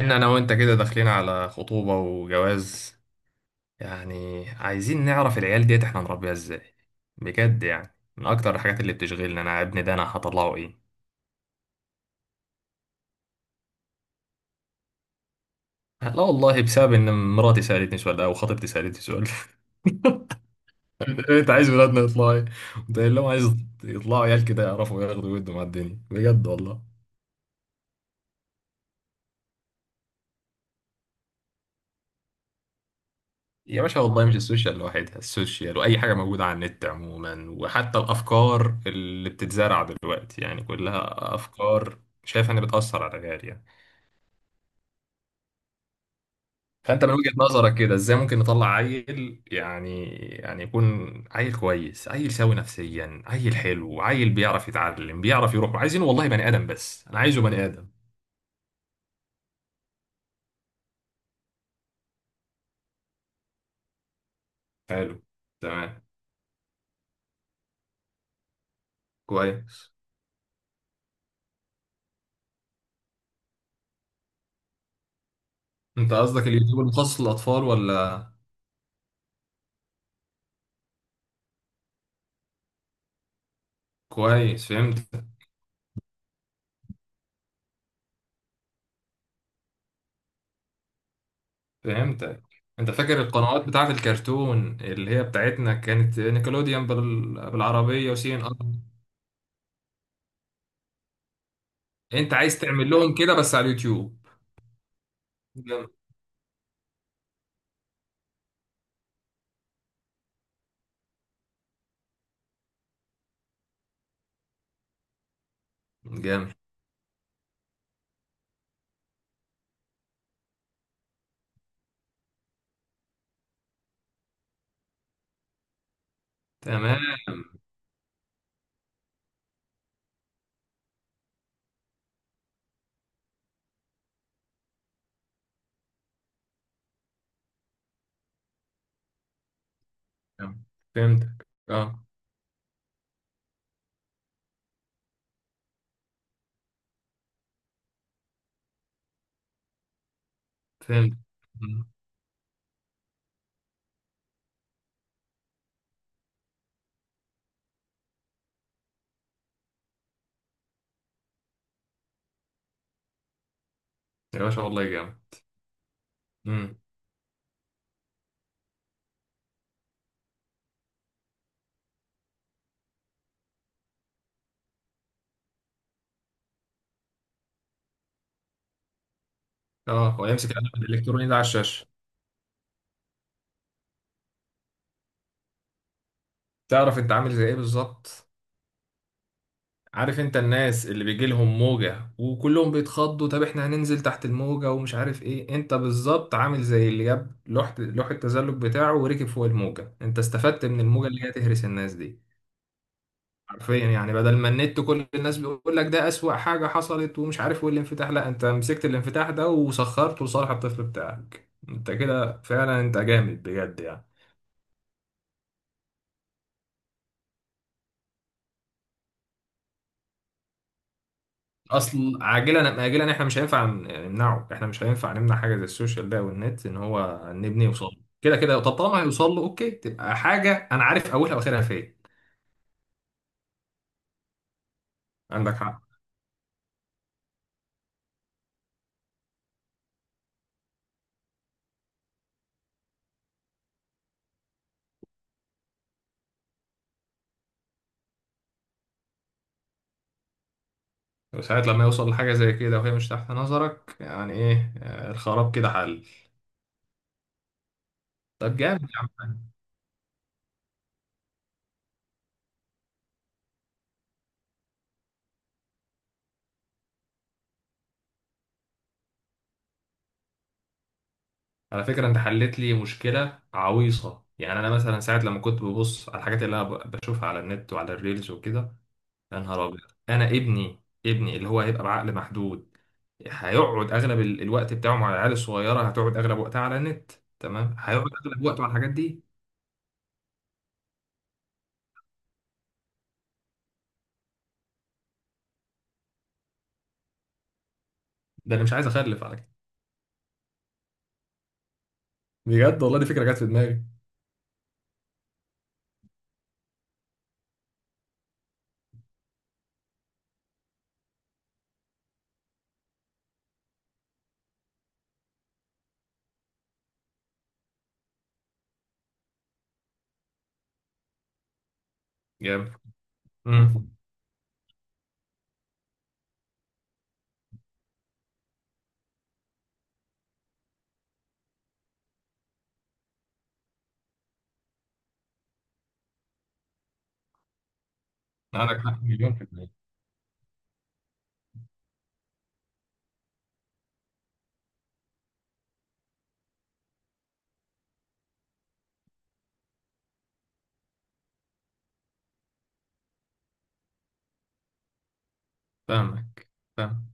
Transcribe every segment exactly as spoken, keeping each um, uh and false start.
ان انا وانت كده داخلين على خطوبة وجواز. يعني عايزين نعرف العيال ديت احنا نربيها ازاي. بجد يعني من اكتر الحاجات اللي بتشغلني انا ابني ده انا هطلعه ايه. لا والله بسبب ان مراتي سألتني سؤال ده او خطيبتي سألتني سؤال. انت عايز ولادنا يطلعوا ايه؟ قلت لهم عايز يطلعوا عيال كده يعرفوا ياخدوا ويدوا مع الدنيا بجد والله. يا باشا والله مش السوشيال لوحدها، السوشيال واي حاجه موجوده على النت عموما، وحتى الافكار اللي بتتزرع دلوقتي يعني كلها افكار شايف انها بتاثر على العيال يعني. فانت من وجهه نظرك كده ازاي ممكن نطلع عيل يعني يعني يكون عيل كويس، عيل سوي نفسيا، عيل حلو، عيل بيعرف يتعلم بيعرف يروح، عايزينه والله بني ادم، بس انا عايزه بني ادم. حلو. تمام. كويس. انت قصدك اليوتيوب المخصص للاطفال ولا؟ كويس، فهمت. فهمتك. انت فاكر القنوات بتاعت الكرتون اللي هي بتاعتنا كانت نيكلوديان بال... بالعربية وسي ان ار؟ انت عايز تعمل لهم كده بس على اليوتيوب؟ جامد. جامد. تمام. تمام. فهمتك، اه. فهمت. مم. يا باشا والله جامد. مم. اه، هو يمسك القلم الالكتروني ده على الشاشة؟ تعرف انت عامل زي ايه بالظبط؟ عارف انت الناس اللي بيجي لهم موجة وكلهم بيتخضوا؟ طب احنا هننزل تحت الموجة ومش عارف ايه، انت بالظبط عامل زي اللي جاب لوح لوح التزلج بتاعه وركب فوق الموجة. انت استفدت من الموجة اللي هي تهرس الناس دي حرفيا. يعني بدل ما النت كل الناس بيقول لك ده اسوأ حاجة حصلت ومش عارف والانفتاح، لا، انت مسكت الانفتاح ده وسخرته لصالح الطفل بتاعك. انت كده فعلا انت جامد بجد يعني. اصل عاجلا اجلا احنا مش هينفع ن- نمنعه، احنا مش هينفع نمنع حاجه زي السوشيال بقى والنت، ان هو نبني يوصل له كده كده. طب طالما هيوصل له اوكي، تبقى حاجه انا عارف اولها واخرها فين. عندك حق. وساعات لما يوصل لحاجه زي كده وهي مش تحت نظرك يعني ايه، آه، الخراب كده حل. طب جامد يا عم. على فكره انت حلت لي مشكله عويصه، يعني انا مثلا ساعات لما كنت ببص على الحاجات اللي انا ب- بشوفها على النت وعلى الريلز وكده. يا نهار ابيض. انا ابني، ابني اللي هو هيبقى بعقل محدود، هيقعد اغلب ال- الوقت بتاعه مع العيال الصغيره، هتقعد اغلب وقتها على النت. تمام، هيقعد اغلب وقته على الحاجات دي. ده انا مش عايز اخلف على كده. بجد والله دي فكره جت في دماغي. جامد. امم. عندك حق مليون في المية. فاهمك. فاهم.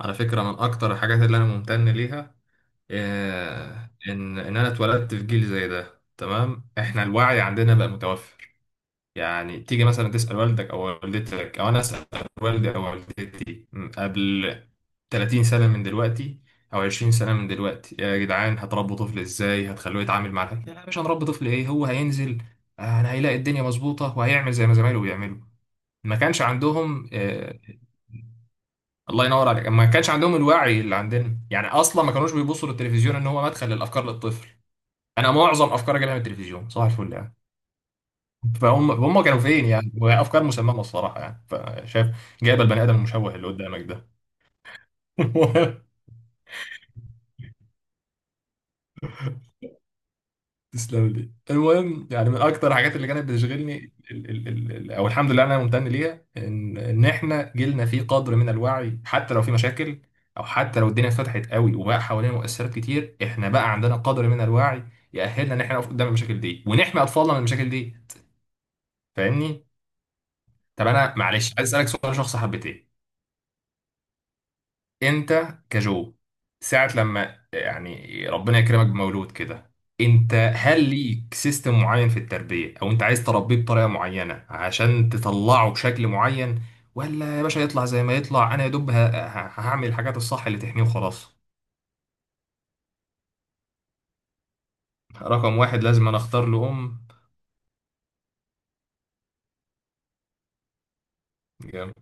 على فكره من اكتر الحاجات اللي انا ممتن ليها آه، ان ان انا اتولدت في جيل زي ده. تمام، احنا الوعي عندنا بقى متوفر. يعني تيجي مثلا تسأل والدك أو والدتك، أو أنا أسأل والدي أو والدتي م، قبل تلاتين سنة من دلوقتي أو عشرين سنة من دلوقتي: يا جدعان هتربوا طفل إزاي؟ هتخلوه يتعامل مع الحاجة؟ لا، مش هنربي طفل إيه، هو هينزل آه، أنا هيلاقي الدنيا مظبوطة وهيعمل زي ما زمايله بيعملوا. ما كانش عندهم آه، الله ينور عليك، ما كانش عندهم الوعي اللي عندنا. يعني اصلا ما كانوش بيبصوا للتلفزيون ان هو مدخل للافكار للطفل. انا معظم افكاري جايه من التلفزيون صباح الفل يعني. فهم هم كانوا فين يعني؟ وافكار مسممه الصراحه يعني، فشايف جايب البني ادم المشوه اللي قدامك ده. تسلم لي. المهم يعني من اكتر الحاجات اللي كانت بتشغلني ال ال ال ال او الحمد لله انا ممتن ليها ان ان احنا جيلنا فيه قدر من الوعي، حتى لو في مشاكل او حتى لو الدنيا اتفتحت قوي وبقى حوالينا مؤثرات كتير، احنا بقى عندنا قدر من الوعي يأهلنا ان احنا نقف قدام المشاكل دي ونحمي اطفالنا من المشاكل دي. فاهمني؟ طب انا معلش عايز اسالك سؤال شخص حبتين. انت كجو ساعة لما يعني ربنا يكرمك بمولود كده، انت هل ليك سيستم معين في التربية، او انت عايز تربيه بطريقة معينة عشان تطلعه بشكل معين؟ ولا يا باشا يطلع زي ما يطلع، انا يا دوب ه- ه- هعمل الحاجات الصح اللي تحميه وخلاص. رقم واحد لازم انا اختار له ام. جامد.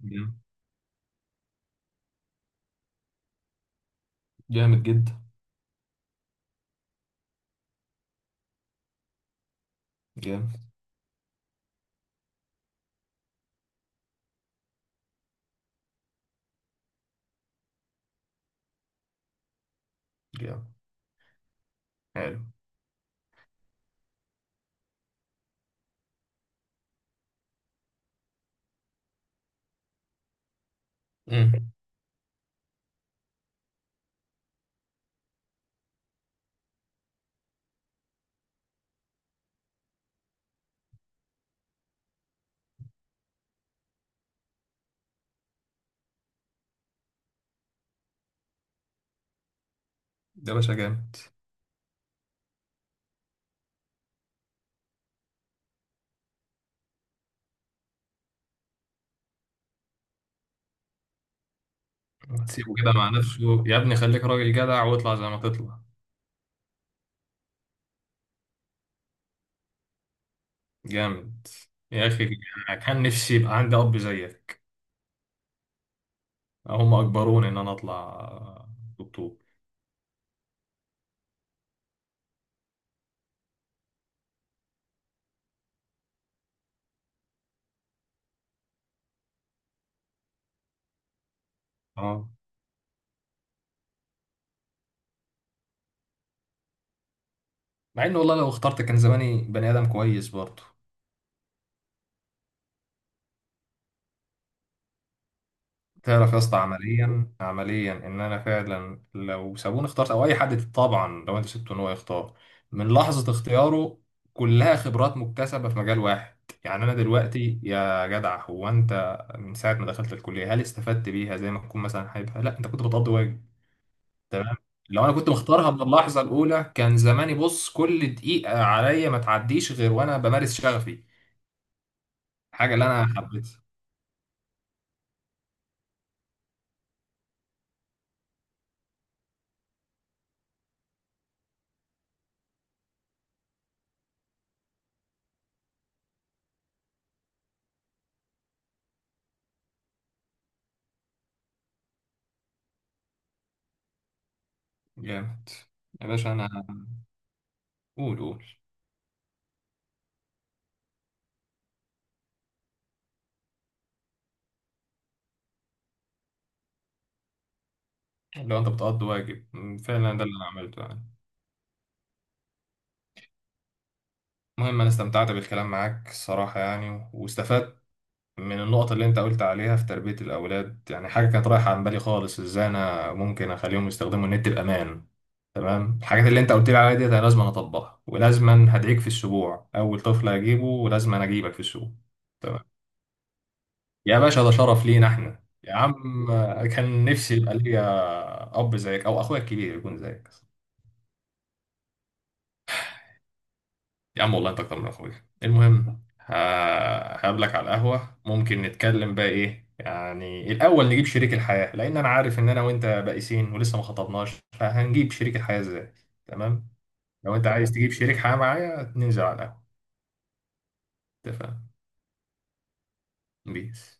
جامد. جامد جدا. جامد. جامد. حلو. امم. ده باشا جامد. سيبه كده مع نفسه يا ابني، خليك راجل جدع واطلع زي ما تطلع. جامد. يا اخي انا كان نفسي يبقى عندي اب زيك. هم اجبروني ان انا اطلع دكتور. اه. مع ان والله لو اخترت كان زماني بني ادم كويس برضه. تعرف يا اسطى عمليا، عمليا ان انا فعلا لو سابوني اخترت، او اي حد طبعا لو انت سبته ان هو يختار من لحظه اختياره كلها خبرات مكتسبه في مجال واحد. يعني انا دلوقتي يا جدع، هو انت من ساعه ما دخلت الكليه هل استفدت بيها زي ما تكون مثلا حاببها؟ لا، انت كنت بتقضي واجب. تمام. لو انا كنت مختارها من اللحظه الاولى كان زماني بص كل دقيقه عليا ما تعديش غير وانا بمارس شغفي، الحاجه اللي انا حبيتها. جامد. يا باشا انا، قول قول. لو انت بتقضي واجب أمم، فعلا ده اللي انا عملته يعني. المهم انا استمتعت بالكلام معاك الصراحه يعني، واستفدت من النقط اللي انت قلت عليها في تربية الأولاد. يعني حاجة كانت رايحة عن بالي خالص ازاي انا ممكن اخليهم يستخدموا النت بأمان. تمام، الحاجات اللي انت قلت لي عليها دي انا لازم اطبقها، ولازم هدعيك في السبوع اول طفل هجيبه، ولازم انا اجيبك في السوق. تمام. يا باشا ده شرف لينا احنا يا عم. كان نفسي يبقى ليا اب زيك او اخويا الكبير يكون زيك. يا عم والله انت اكتر من اخويا. المهم ه- هقابلك على القهوة، ممكن نتكلم بقى ايه يعني الاول، نجيب شريك الحياة. لان انا عارف ان انا وانت بائسين ولسه ما خطبناش، فهنجيب شريك الحياة ازاي. تمام. لو انت عايز تجيب شريك حياة معايا ننزل على القهوة. اتفقنا. بيس.